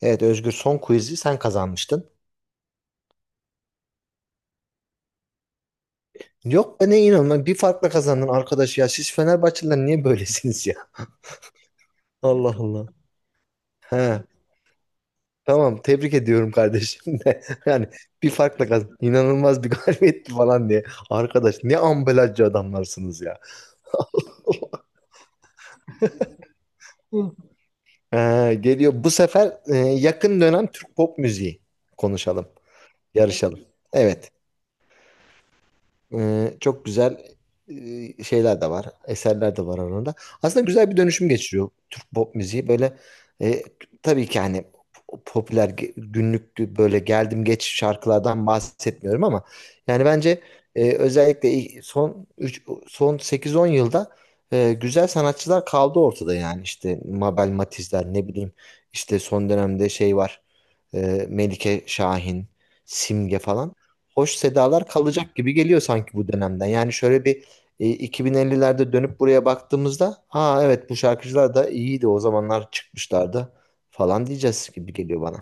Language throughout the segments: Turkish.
Evet Özgür son quiz'i sen kazanmıştın. Yok be ne inanılmaz bir farkla kazandın arkadaş ya. Siz Fenerbahçeliler niye böylesiniz ya? Allah Allah. He, tamam tebrik ediyorum kardeşim de. Yani bir farkla kazandın. İnanılmaz bir galibiyetti falan diye. Arkadaş ne ambalajcı adamlarsınız ya. Hı. Geliyor bu sefer yakın dönem Türk pop müziği konuşalım. Yarışalım. Evet. Çok güzel şeyler de var, eserler de var arasında. Aslında güzel bir dönüşüm geçiriyor Türk pop müziği. Böyle e, tabii ki hani popüler günlük böyle geldim geç şarkılardan bahsetmiyorum ama yani bence özellikle son üç son 8-10 yılda güzel sanatçılar kaldı ortada yani işte Mabel Matiz'ler ne bileyim işte son dönemde şey var Melike Şahin, Simge falan hoş sedalar kalacak gibi geliyor sanki bu dönemden. Yani şöyle bir 2050'lerde dönüp buraya baktığımızda ha evet bu şarkıcılar da iyiydi o zamanlar çıkmışlardı falan diyeceğiz gibi geliyor bana.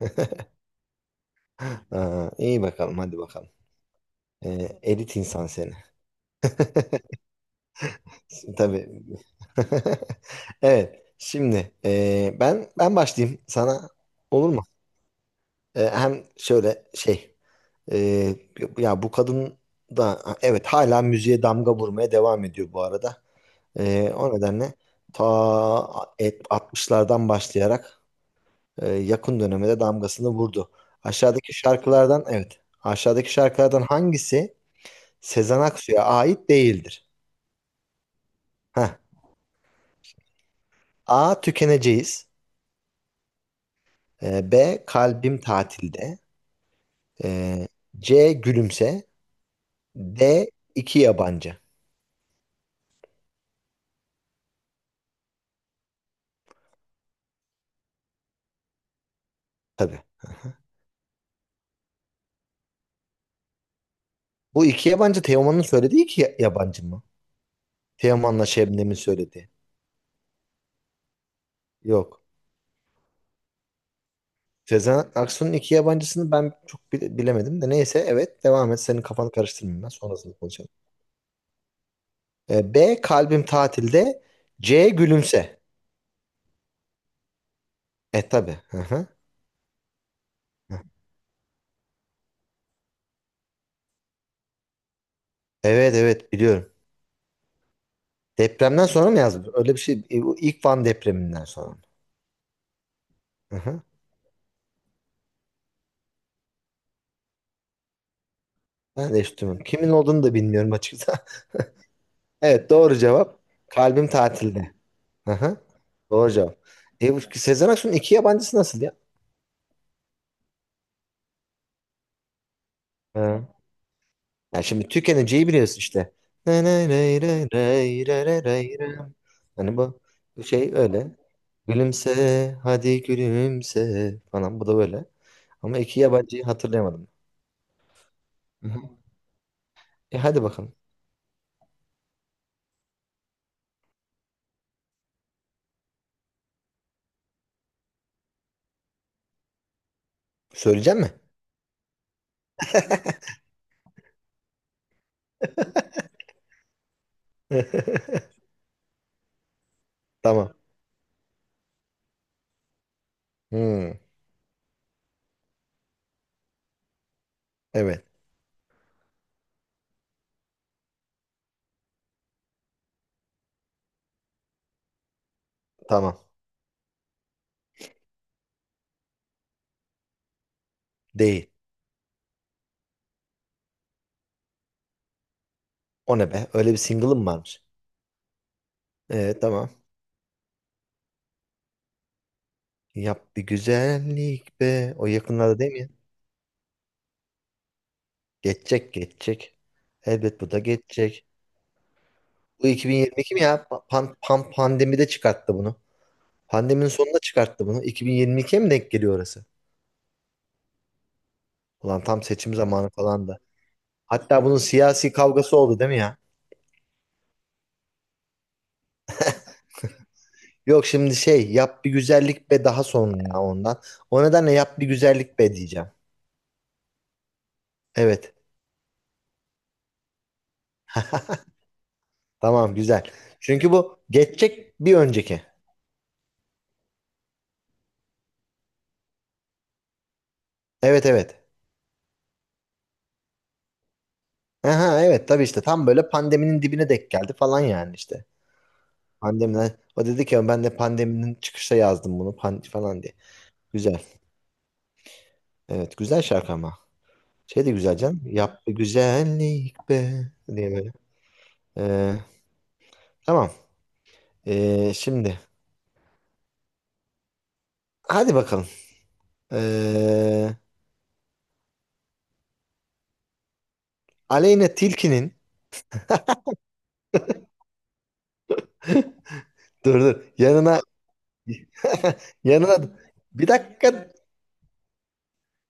Aa, iyi bakalım hadi bakalım. Elit insan seni. Tabii. Evet. Şimdi ben başlayayım sana olur mu? Hem şöyle şey e, ya bu kadın da evet hala müziğe damga vurmaya devam ediyor bu arada. O nedenle ta 60'lardan başlayarak yakın döneme de damgasını vurdu. Aşağıdaki şarkılardan, evet, aşağıdaki şarkılardan hangisi Sezen Aksu'ya ait değildir? Heh. A. Tükeneceğiz. B. Kalbim tatilde. E, C. Gülümse. D. iki yabancı. Tabii. Bu iki yabancı Teoman'ın söylediği yabancı mı? Teoman'la Şebnem'in söylediği. Yok. Sezen Aksu'nun iki yabancısını ben bilemedim de neyse evet devam et senin kafanı karıştırmayayım ben sonrasında konuşalım. B. Kalbim tatilde. C. Gülümse. Tabii. Hı hı. Evet, evet biliyorum. Depremden sonra mı yazdı? Öyle bir şey. Bu ilk Van depreminden sonra. Hı hı. Ben de hiç kimin olduğunu da bilmiyorum açıkçası. Evet, doğru cevap. Kalbim tatilde. Aha, doğru cevap. Bu Sezen Aksu'nun iki yabancısı nasıl ya? Ha. Ya şimdi tükeneceği biliyorsun işte. Hani bu şey öyle. Gülümse hadi gülümse falan bu da böyle. Ama iki yabancıyı hatırlayamadım. Hı hı. Hadi bakalım. Söyleyecek mi? Tamam. Hmm, evet tamam. Değil. O ne be? Öyle bir single'ım varmış. Tamam. Yap bir güzellik be. O yakınlarda değil mi ya? Geçecek, geçecek. Elbet bu da geçecek. Bu 2022 mi ya? Pandemide çıkarttı bunu. Pandeminin sonunda çıkarttı bunu. 2022'ye mi denk geliyor orası? Ulan tam seçim zamanı falan da. Hatta bunun siyasi kavgası oldu değil mi ya? Yok şimdi şey yap bir güzellik be daha sonra ya ondan. O nedenle yap bir güzellik be diyeceğim. Evet. Tamam, güzel. Çünkü bu geçecek bir önceki. Evet, evet. Aha, evet tabii işte tam böyle pandeminin dibine denk geldi falan yani işte. Pandemiden o dedi ki ben de pandeminin çıkışta yazdım bunu pan falan diye. Güzel. Evet, güzel şarkı ama. Şey de güzel canım. Yap bir güzellik be diye böyle. Ee, tamam. Şimdi hadi bakalım. Ee, Aleyna Tilki'nin dur dur yanına yanına bir dakika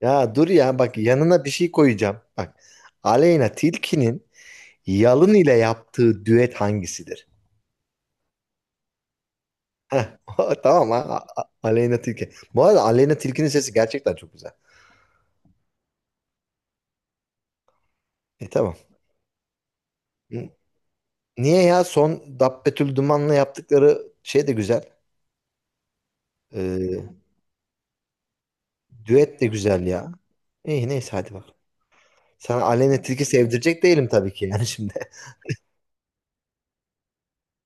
ya dur ya bak yanına bir şey koyacağım. Bak Aleyna Tilki'nin Yalın ile yaptığı düet hangisidir? Heh, tamam ha. Aleyna Tilki. Bu arada Aleyna Tilki'nin sesi gerçekten çok güzel. Tamam. N- Niye ya son Dabbetül Duman'la yaptıkları şey de güzel. Ee, düet de güzel ya. İyi neyse hadi bak. Sana Aleyna Tilki sevdirecek değilim tabii ki yani şimdi.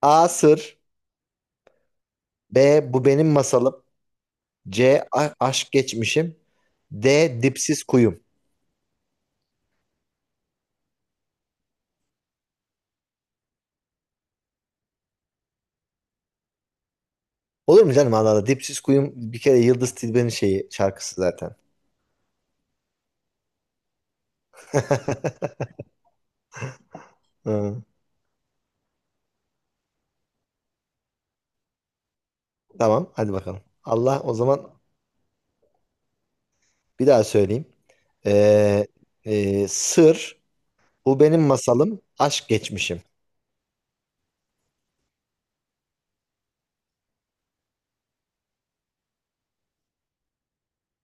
A. Sır. B. Bu benim masalım. C. Aşk geçmişim. D. Dipsiz kuyum. Olur mu canım Allah Allah. Dipsiz kuyum bir kere Yıldız Tilbe'nin şeyi şarkısı zaten. Hı, tamam hadi bakalım. Allah o zaman bir daha söyleyeyim. Ee, sır, bu benim masalım, aşk geçmişim.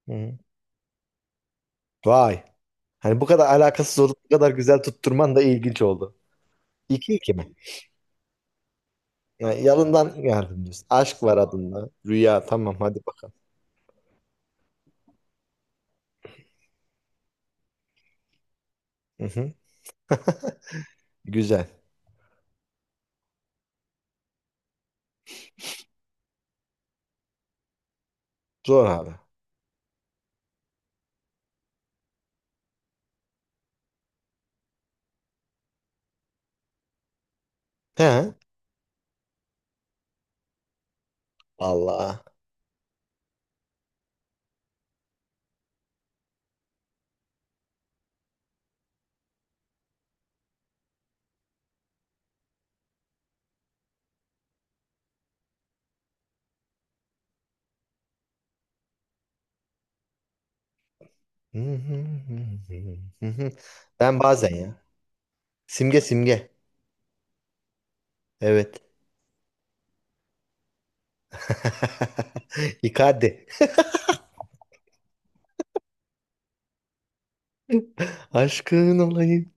Hı. Vay. Hani bu kadar alakasız olup bu kadar güzel tutturman da ilginç oldu. İki iki mi? Yani yalından yardımcısın. Aşk var adında. Rüya tamam hadi bakalım. Hı hı. Güzel. Zor abi. He. Allah. Hı hı hı hı hı hı. Ben bazen ya. Simge, Simge. Evet. İkade. Aşkın olayım.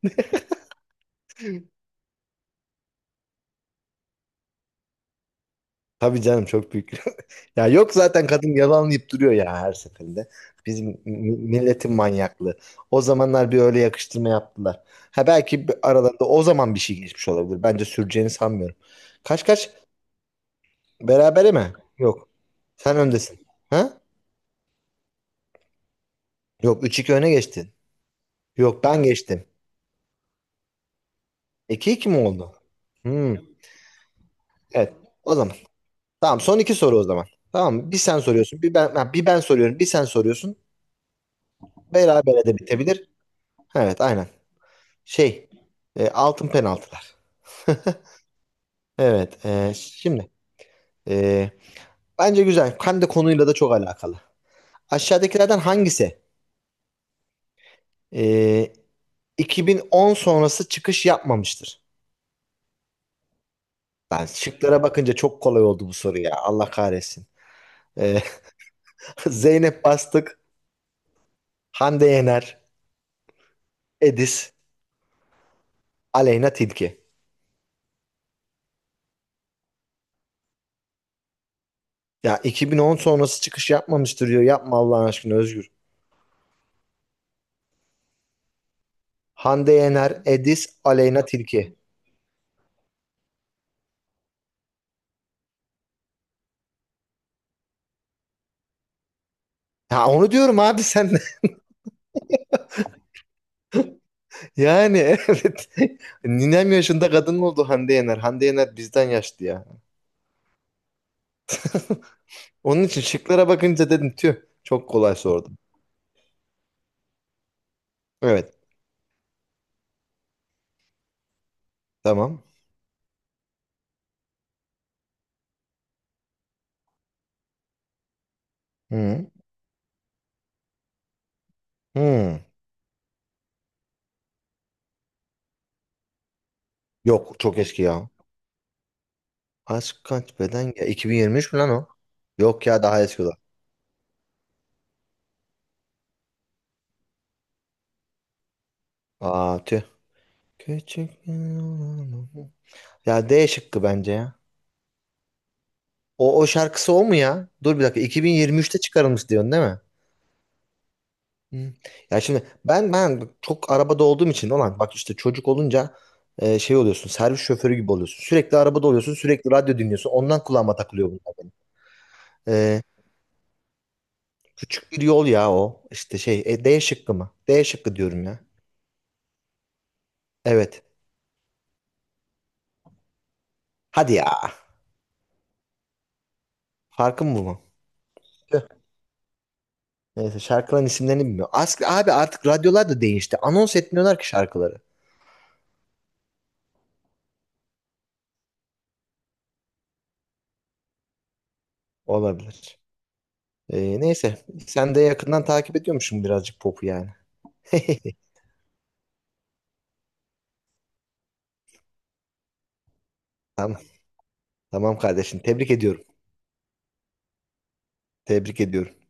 Tabii canım, çok büyük. Ya yok zaten kadın yalanlayıp duruyor ya her seferinde. Bizim milletin manyaklığı. O zamanlar bir öyle yakıştırma yaptılar. Ha belki aralarında o zaman bir şey geçmiş olabilir. Bence süreceğini sanmıyorum. Kaç kaç? Berabere mi? Yok. Sen öndesin. Ha? Yok, üç iki öne geçtin. Yok, ben geçtim. 2 iki mi oldu? Hmm. Evet. O zaman. Tamam, son iki soru o zaman. Tamam mı? Bir sen soruyorsun. Bir ben soruyorum. Bir sen soruyorsun. Berabere de bitebilir. Evet, aynen. Şey altın penaltılar. Evet, şimdi e, bence güzel. Hem de konuyla da çok alakalı. Aşağıdakilerden hangisi e, 2010 sonrası çıkış yapmamıştır? Ben şıklara bakınca çok kolay oldu bu soru ya. Allah kahretsin. E, Zeynep Bastık, Hande Yener, Edis, Aleyna Tilki. Ya 2010 sonrası çıkış yapmamıştır diyor. Yapma Allah'ın aşkına Özgür. Hande Yener, Edis, Aleyna Tilki. Ya onu diyorum abi sen de. Yani evet, ninem yaşında kadın oldu Hande Yener. Hande Yener bizden yaşlı ya. Onun için şıklara bakınca dedim tüh çok kolay sordum. Evet, tamam. Hı. Hı. Yok, çok eski ya. Aşk kaç beden ya, 2023 mü lan o? Yok ya, daha eski o da. Aa, tüh. Küçük ya, D şıkkı bence ya. O şarkısı o mu ya? Dur bir dakika, 2023'te çıkarılmış diyorsun değil mi? Hı. Ya şimdi ben çok arabada olduğum için olan bak işte çocuk olunca şey oluyorsun, servis şoförü gibi oluyorsun. Sürekli arabada oluyorsun, sürekli radyo dinliyorsun, ondan kulağıma takılıyor bunlar benim. E, küçük bir yol ya o işte şey D şıkkı mı? D şıkkı diyorum ya. Evet hadi ya, farkın bu mu? Tüh. Neyse, şarkıların isimlerini bilmiyorum. As abi artık radyolar da değişti, anons etmiyorlar ki şarkıları. Olabilir. Neyse sen de yakından takip ediyormuşsun birazcık popu yani. Tamam, tamam kardeşim tebrik ediyorum. Tebrik ediyorum.